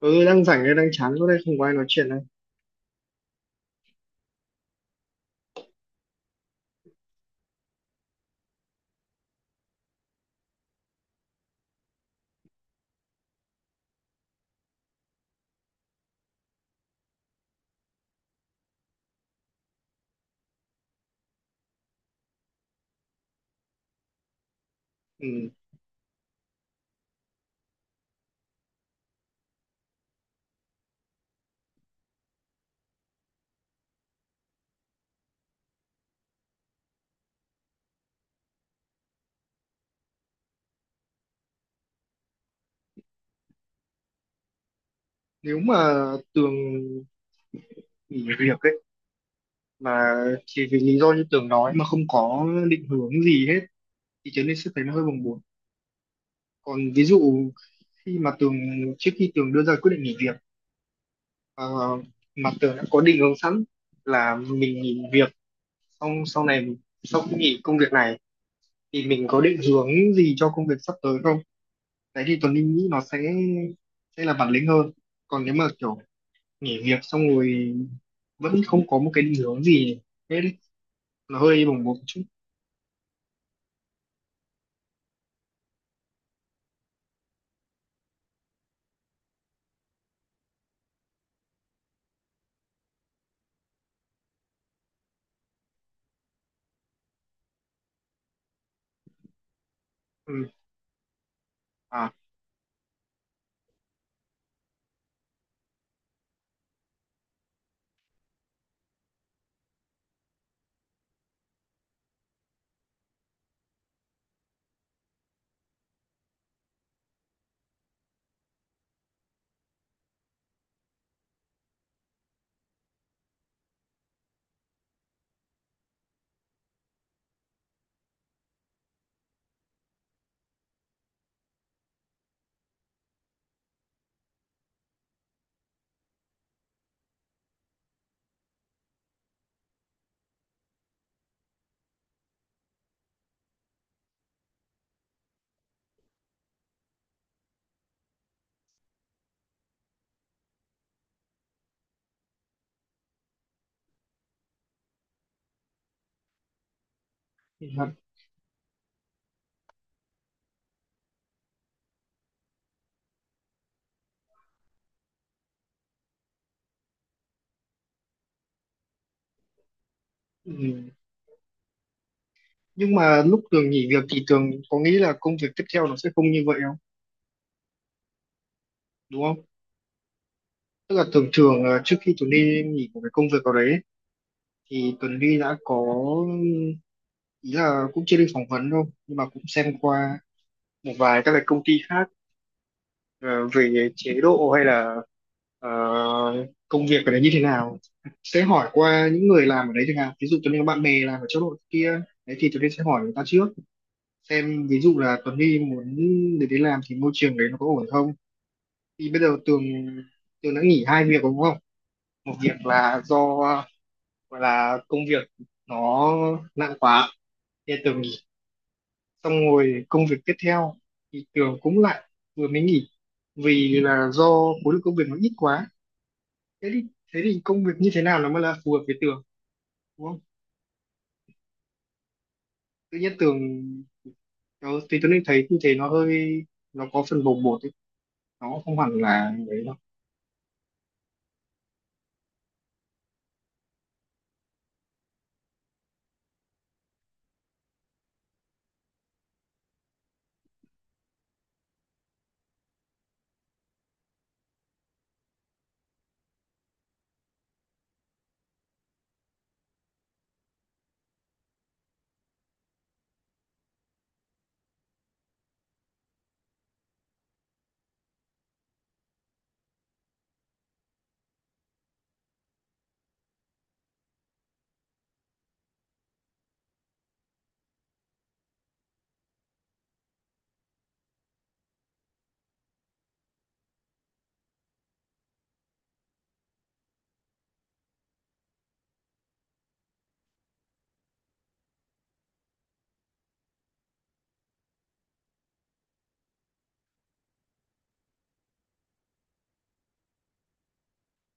Ừ, đang rảnh đây, đang chán, chỗ đây không có ai nói chuyện đây. Ừ. Nếu mà Tường nghỉ việc ấy mà chỉ vì lý do như Tường nói mà không có định hướng gì hết thì Trấn Linh sẽ thấy nó hơi bồng bột. Còn ví dụ khi mà Tường, trước khi Tường đưa ra quyết định nghỉ việc, ờ, mà Tường đã có định hướng sẵn là mình nghỉ việc xong sau này sau khi nghỉ công việc này thì mình có định hướng gì cho công việc sắp tới không, đấy thì Tuấn Linh nghĩ nó sẽ là bản lĩnh hơn. Còn nếu mà kiểu nghỉ việc xong rồi vẫn không có một cái định hướng gì hết ý. Nó hơi bồng bột một chút. Ừ. À, thì là- ừ. Nhưng mà lúc Tường nghỉ việc thì Tường có nghĩ là công việc tiếp theo nó sẽ không như vậy không, đúng không? Tức là thường thường là trước khi Tường đi nghỉ của cái công việc ở đấy ấy, thì Tuấn đi đã có, ý là cũng chưa đi phỏng vấn đâu nhưng mà cũng xem qua một vài các cái công ty khác, ờ, về chế độ hay là ờ, công việc ở đấy như thế nào, sẽ hỏi qua những người làm ở đấy chẳng hạn, ví dụ Tuấn Huy có bạn bè làm ở chỗ đội kia, đấy thì Tuấn Huy sẽ hỏi người ta trước, xem ví dụ là Tuấn Huy muốn để đến làm thì môi trường đấy nó có ổn không. Thì bây giờ Tường Tường đã nghỉ hai việc, đúng không? Một việc là do, gọi là công việc nó nặng quá thì Tường nghỉ, xong rồi công việc tiếp theo thì Tường cũng lại vừa mới nghỉ vì là do khối lượng công việc nó ít quá. Thế thì thế thì công việc như thế nào nó mới là phù hợp với Tường, đúng không? Tự nhiên tưởng tớ, thì tôi nên thấy như thế nó có phần bồng bột ấy. Nó không hẳn là đấy đâu.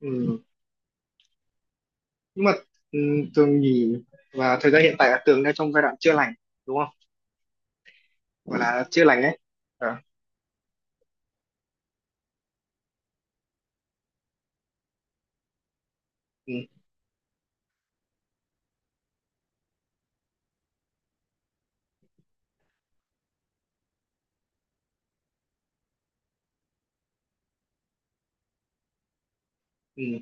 Ừ. Nhưng mà ừ, Tường nhìn và thời gian hiện tại là Tường đang trong giai đoạn chữa lành, đúng không? Gọi là chữa lành ấy. À. Ừ. Ừ.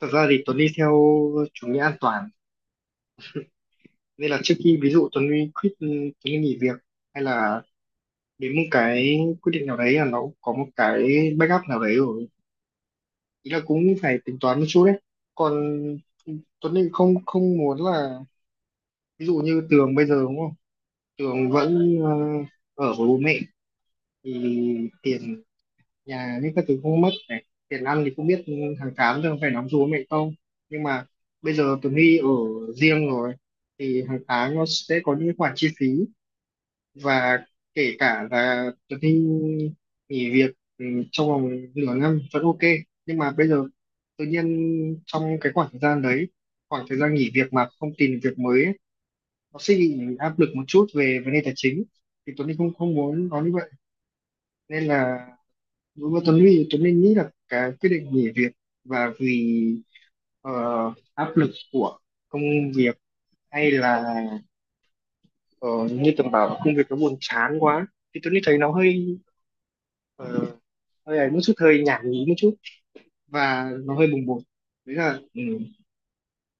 Thật ra thì Tuấn đi theo chủ nghĩa an toàn, nên là trước khi ví dụ Tuấn đi quit, Tuấn đi nghỉ việc hay là đến một cái quyết định nào đấy là nó cũng có một cái backup nào đấy rồi, ý là cũng phải tính toán một chút đấy. Còn Tuấn thì không không muốn là, ví dụ như Tường bây giờ đúng không, Tường vẫn ở với bố mẹ thì tiền nhà những các thứ không mất, này tiền ăn thì không biết hàng tháng Tường phải đóng cho bố mẹ không, nhưng mà bây giờ Tường Huy ở riêng rồi thì hàng tháng nó sẽ có những khoản chi phí, và kể cả là Tường Huy nghỉ việc ừ, trong vòng nửa năm vẫn ok. Nhưng mà bây giờ tự nhiên trong cái khoảng thời gian đấy, khoảng thời gian nghỉ việc mà không tìm được việc mới ấy, nó sẽ bị áp lực một chút về vấn đề tài chính. Thì Tuấn Linh không không muốn nó như vậy, nên là đối với Tuấn Linh, nghĩ là cái quyết định nghỉ việc và vì ờ, áp lực của công việc, hay là ờ, như tưởng bảo là công việc nó buồn chán quá, thì Tuấn Linh thấy nó hơi, ờ, hơi ấy một chút, hơi nhảm nhí một chút, và nó hơi bồng bột. đấy là ừ,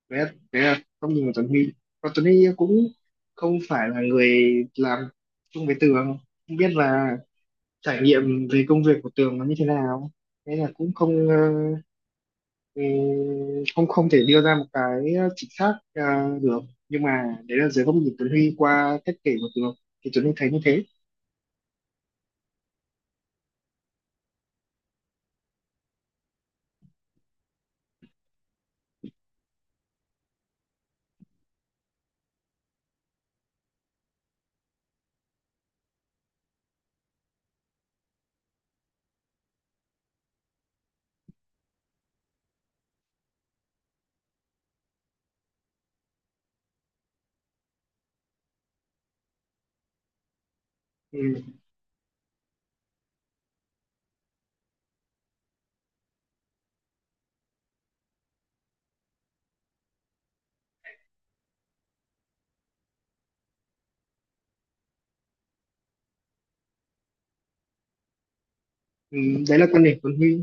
đấy là, đấy là góc nhìn của Tuấn Huy. Còn Tuấn Huy cũng không phải là người làm chung với Tường, không biết là trải nghiệm về công việc của Tường nó như thế nào, thế là cũng không ờ, ừ, không không thể đưa ra một cái chính xác được. Nhưng mà đấy là dưới góc nhìn Tuấn Huy qua cách kể của Tường thì Tuấn Huy thấy như thế. Ừ. Ừ. Đấy là quan điểm Tuấn Huy.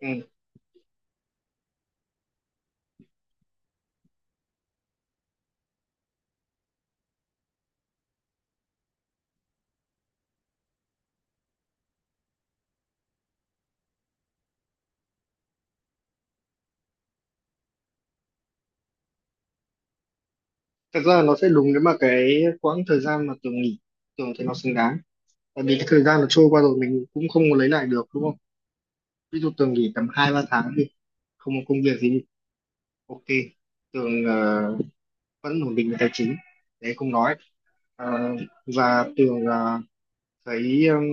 Ừ. Thật ra là nó sẽ đúng nếu mà cái quãng thời gian mà Tường nghỉ, Tường thì nó xứng đáng, tại vì cái thời gian nó trôi qua rồi mình cũng không có lấy lại được, đúng không? Ví dụ Tường nghỉ tầm 2-3 tháng thì không có công việc gì, ok, Tường vẫn ổn định về tài chính, đấy không nói. À. Và Tường thấy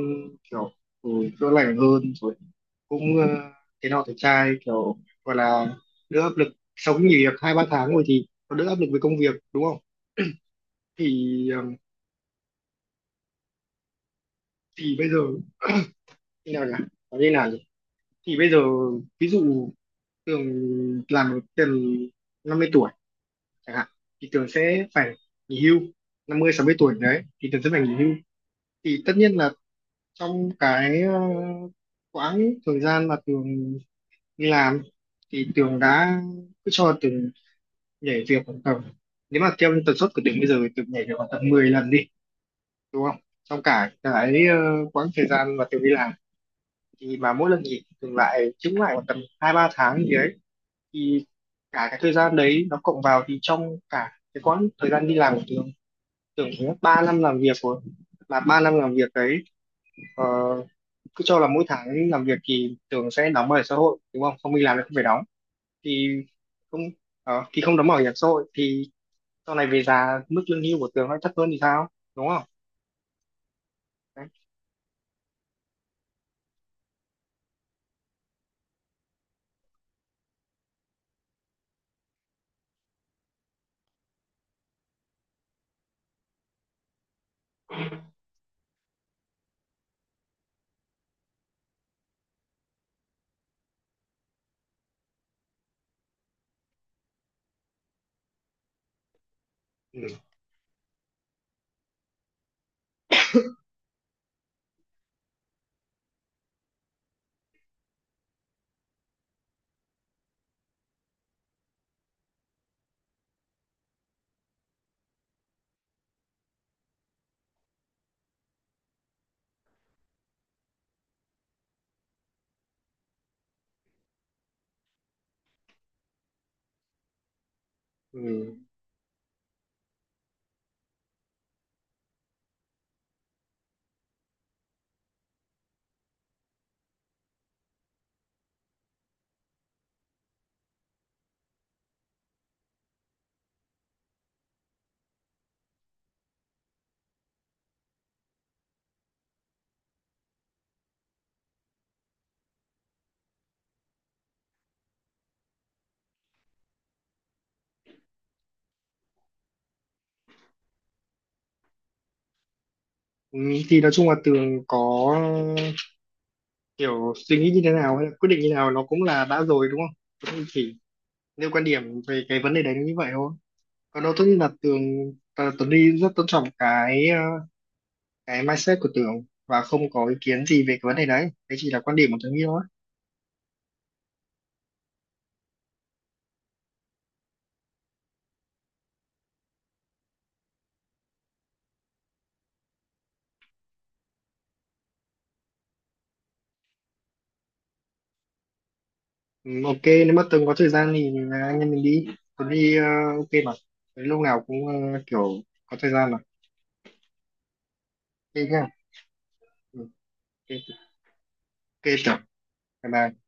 kiểu ừ, chữa lành hơn rồi, cũng thế nào thì trai kiểu, gọi là đỡ áp lực, sau khi nghỉ việc 2-3 tháng rồi thì nó đỡ áp lực với công việc, đúng không? Thì thì bây giờ như nào nhỉ, nói như nào nhỉ, thì bây giờ ví dụ Tường làm được tầm 50 tuổi chẳng hạn, thì Tường sẽ phải nghỉ hưu. 50 60 tuổi đấy thì Tường sẽ phải nghỉ hưu. Thì tất nhiên là trong cái quãng thời gian mà Tường đi làm thì Tường đã, cứ cho Tường nhảy việc khoảng tầm, nếu mà theo tần suất của Tường bây giờ thì Tường nhảy việc khoảng tầm 10 lần đi, đúng không, trong cả cái quãng thời gian mà Tường đi làm, thì mà mỗi lần nghỉ Tường lại chứng lại khoảng tầm 2-3 tháng gì đấy, thì cả cái thời gian đấy nó cộng vào thì trong cả cái quãng thời gian đi làm của Tường Tường có 3 năm làm việc rồi, mà 3 năm làm việc đấy, ờ, cứ cho là mỗi tháng làm việc thì Tường sẽ đóng bảo hiểm xã hội, đúng không, không đi làm thì không phải đóng, thì không thì không đóng bảo hiểm xã hội thì sau này về già mức lương hưu của Tường nó thấp hơn thì sao, đúng không? Đấy. Ừ. Ừ. Ừ. Thì nói chung là Tường có kiểu suy nghĩ như thế nào, hay là quyết định như thế nào, nó cũng là đã rồi, đúng không? Cũng chỉ nêu quan điểm về cái vấn đề đấy như vậy thôi, còn đâu tất nhiên là Tuấn đi rất tôn trọng cái cái mindset của Tường và không có ý kiến gì về cái vấn đề đấy, đấy chỉ là quan điểm của Tường đi thôi. Ừ, ok. Nếu mà Tường có thời gian thì, à, anh em mình đi. Tuấn đi ok mà. Tới lúc nào cũng kiểu có thời gian mà. Ok nhá. Ừ. Ok, ok Tường, bye bye.